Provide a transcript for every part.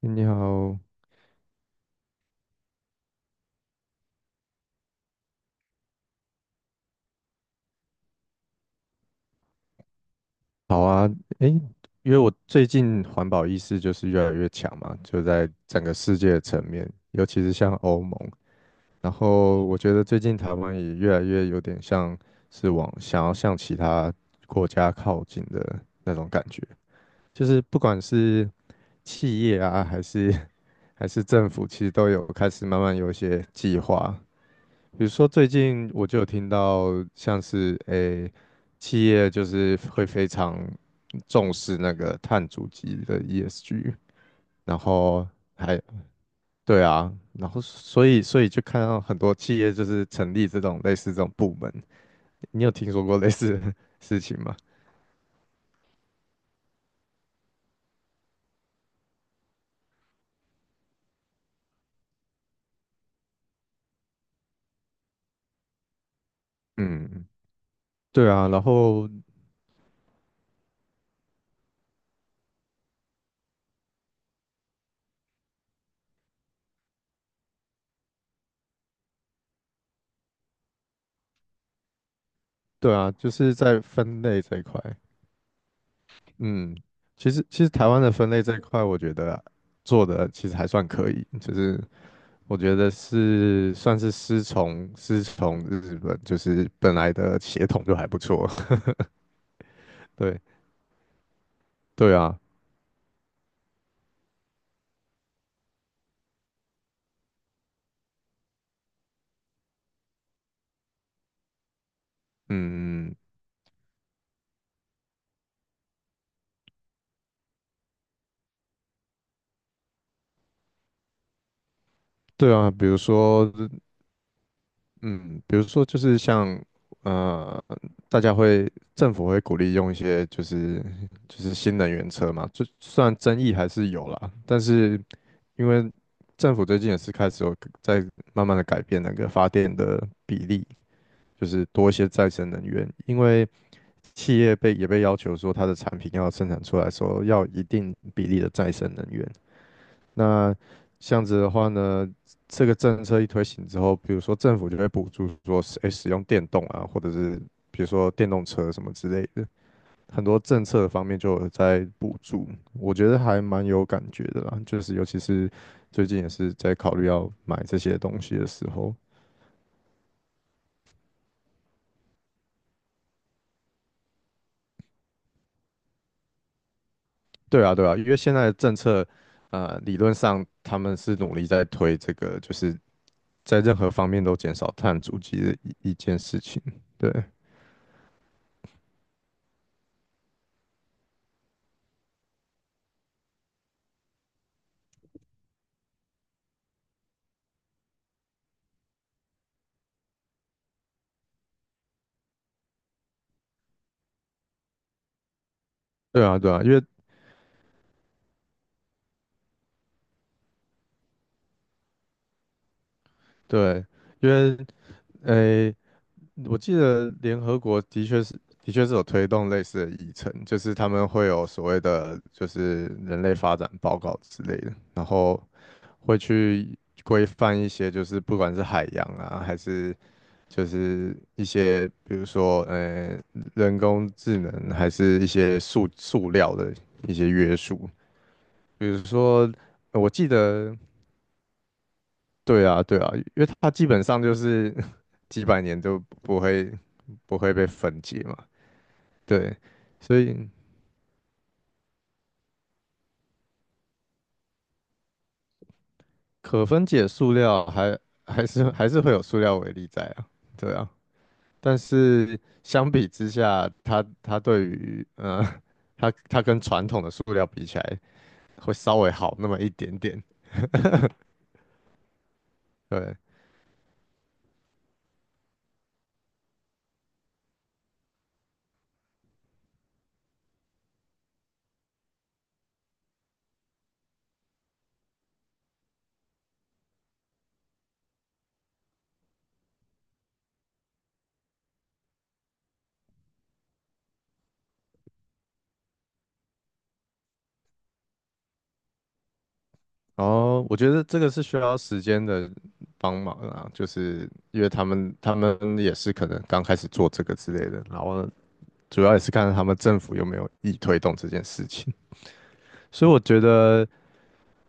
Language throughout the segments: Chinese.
你好。好啊。诶，因为我最近环保意识就是越来越强嘛，就在整个世界的层面，尤其是像欧盟。然后我觉得最近台湾也越来越有点像是往想要向其他国家靠近的那种感觉，就是不管是企业啊，还是 还是政府，其实都有开始慢慢有一些计划。比如说最近我就有听到，像是企业就是会非常重视那个碳足迹的 ESG。然后还对啊。然后所以就看到很多企业就是成立这种类似这种部门。你有听说过类似的 事情吗？嗯。对啊。然后对啊，就是在分类这一块。嗯。其实台湾的分类这一块，我觉得做的其实还算可以。就是我觉得是算是师从日本，就是本来的血统就还不错。对对啊。嗯，对啊。比如说，嗯，比如说就是像呃，大家会政府会鼓励用一些就是新能源车嘛，就虽然争议还是有啦。但是因为政府最近也是开始有在慢慢的改变那个发电的比例，就是多一些再生能源，因为。企业也被要求说，它的产品要生产出来的时候要一定比例的再生能源。那这样子的话呢，这个政策一推行之后，比如说政府就会补助说，使用电动啊，或者是比如说电动车什么之类的，很多政策方面就有在补助。我觉得还蛮有感觉的啦，就是尤其是最近也是在考虑要买这些东西的时候。对啊，对啊，因为现在的政策。理论上他们是努力在推这个，就是在任何方面都减少碳足迹的一件事情。对。对啊，对啊。因为对，因为诶，我记得联合国的确是有推动类似的议程，就是他们会有所谓的就是人类发展报告之类的。然后会去规范一些就是不管是海洋啊，还是就是一些比如说人工智能，还是一些塑料的一些约束。比如说，我记得。对啊，对啊，因为它基本上就是 几百年都不会被分解嘛。对，所以可分解塑料还是会有塑料微粒在啊。对啊。但是相比之下，它对于它跟传统的塑料比起来，会稍微好那么一点点。对。哦，我觉得这个是需要时间的帮忙啊，就是因为他们也是可能刚开始做这个之类的。然后主要也是看他们政府有没有意推动这件事情。所以我觉得，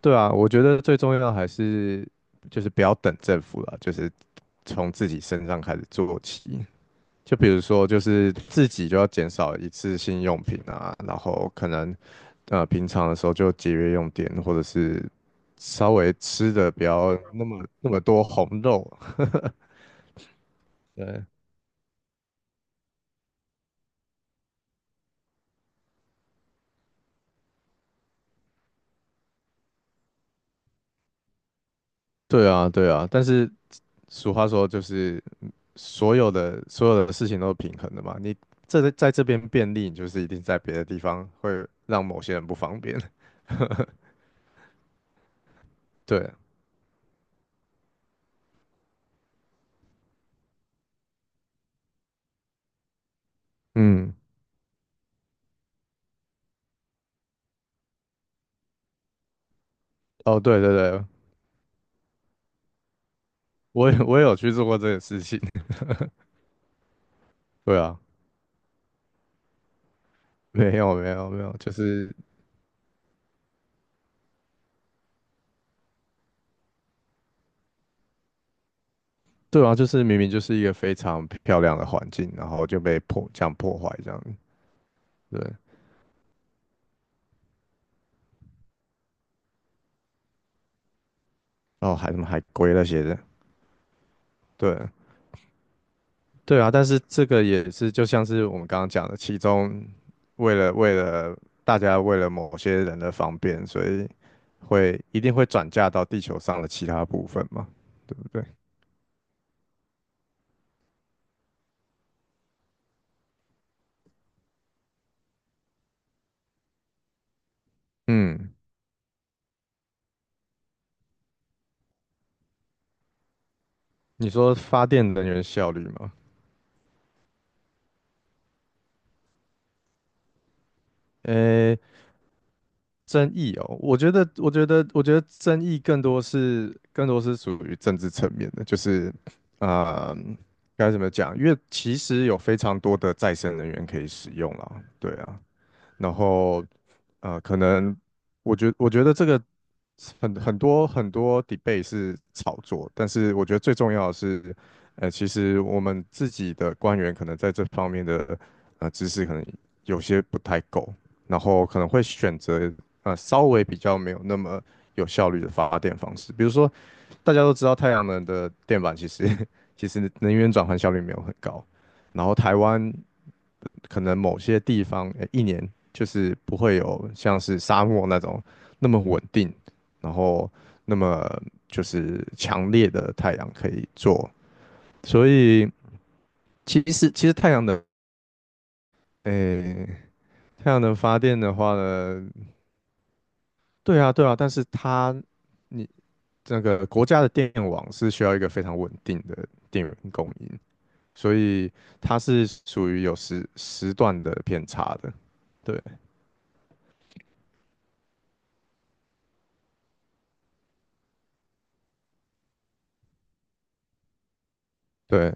对啊，我觉得最重要的还是就是不要等政府了，就是从自己身上开始做起。就比如说，就是自己就要减少一次性用品啊，然后可能平常的时候就节约用电，或者是稍微吃的不要那么那么多红肉。对对啊。对啊。但是俗话说，就是所有的事情都是平衡的嘛。你这在这边便利，你就是一定在别的地方会让某些人不方便。对啊。嗯。哦，对对对，我也有去做过这个事情。对啊。没有没有没有，就是对啊，就是明明就是一个非常漂亮的环境，然后就被破这样破坏这样。对，然后还什么海龟那些的。对对啊。但是这个也是就像是我们刚刚讲的，其中为了大家为了某些人的方便，所以会一定会转嫁到地球上的其他部分嘛，对不对？嗯。你说发电能源效率吗？呃，争议哦，我觉得争议更多是属于政治层面的，就是，啊，该怎么讲？因为其实有非常多的再生人源可以使用啦。对啊。然后可能我觉得这个很多 debate 是炒作，但是我觉得最重要的是，其实我们自己的官员可能在这方面的知识可能有些不太够。然后可能会选择稍微比较没有那么有效率的发电方式。比如说大家都知道太阳能的电板其实 其实能源转换效率没有很高。然后台湾可能某些地方一年就是不会有像是沙漠那种那么稳定。然后那么就是强烈的太阳可以做。所以其实太阳能，诶，太阳能发电的话呢。对啊对啊。但是它你那个国家的电网是需要一个非常稳定的电源供应。所以它是属于有时段的偏差的。对对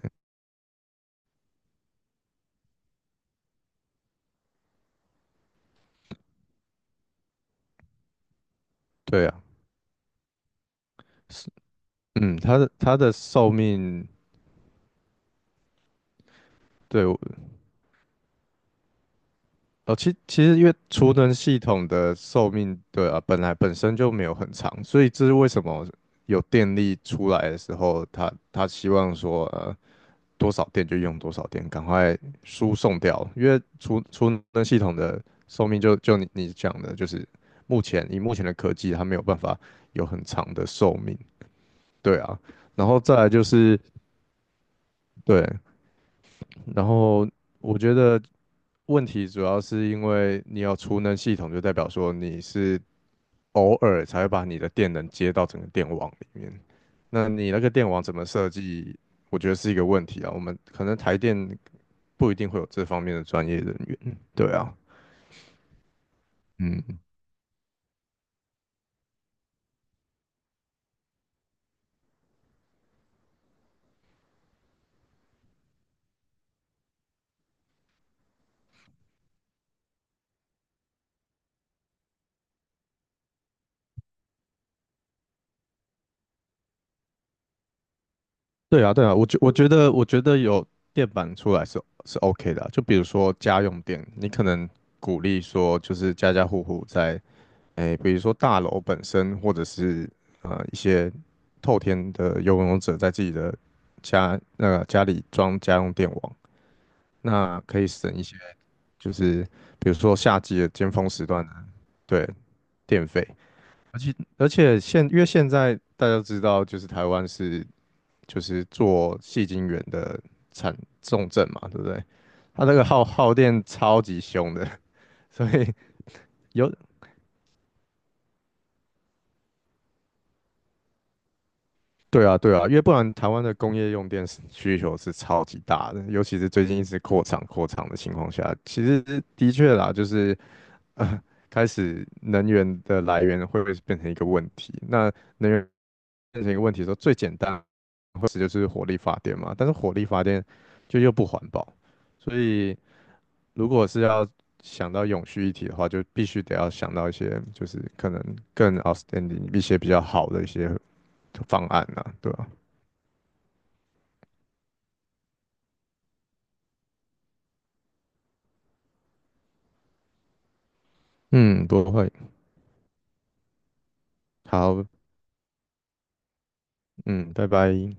对啊。嗯。它的寿命。对。哦，其实因为储能系统的寿命，对啊，本来本身就没有很长。所以这是为什么有电力出来的时候，它希望说，多少电就用多少电，赶快输送掉，因为储能系统的寿命就你讲的，就是目前以目前的科技，它没有办法有很长的寿命。对啊。然后再来就是，对，然后我觉得。问题主要是因为你要储能系统，就代表说你是偶尔才会把你的电能接到整个电网里面。那你那个电网怎么设计，我觉得是一个问题啊。我们可能台电不一定会有这方面的专业人员。对啊。嗯。对啊，对啊，我觉得有电板出来是 OK 的啊就比如说家用电。你可能鼓励说就是家家户户在比如说大楼本身，或者是一些透天的游泳者在自己的那个家里装家用电网。那可以省一些，就是比如说夏季的尖峰时段的，对，电费。而且因为现在大家都知道，就是台湾是就是做细晶圆的产重镇嘛，对不对？它那个耗电超级凶的。所以有对啊。对啊。因为不然台湾的工业用电是需求是超级大的，尤其是最近一直扩厂扩厂的情况下，其实的确啦，就是呃，开始能源的来源会不会变成一个问题？那能源变成一个问题的时候，最简单或者就是火力发电嘛，但是火力发电就又不环保。所以如果是要想到永续一体的话，就必须得要想到一些就是可能更 outstanding 一些比较好的一些方案啊，对吧、嗯，不会。好。嗯，拜拜。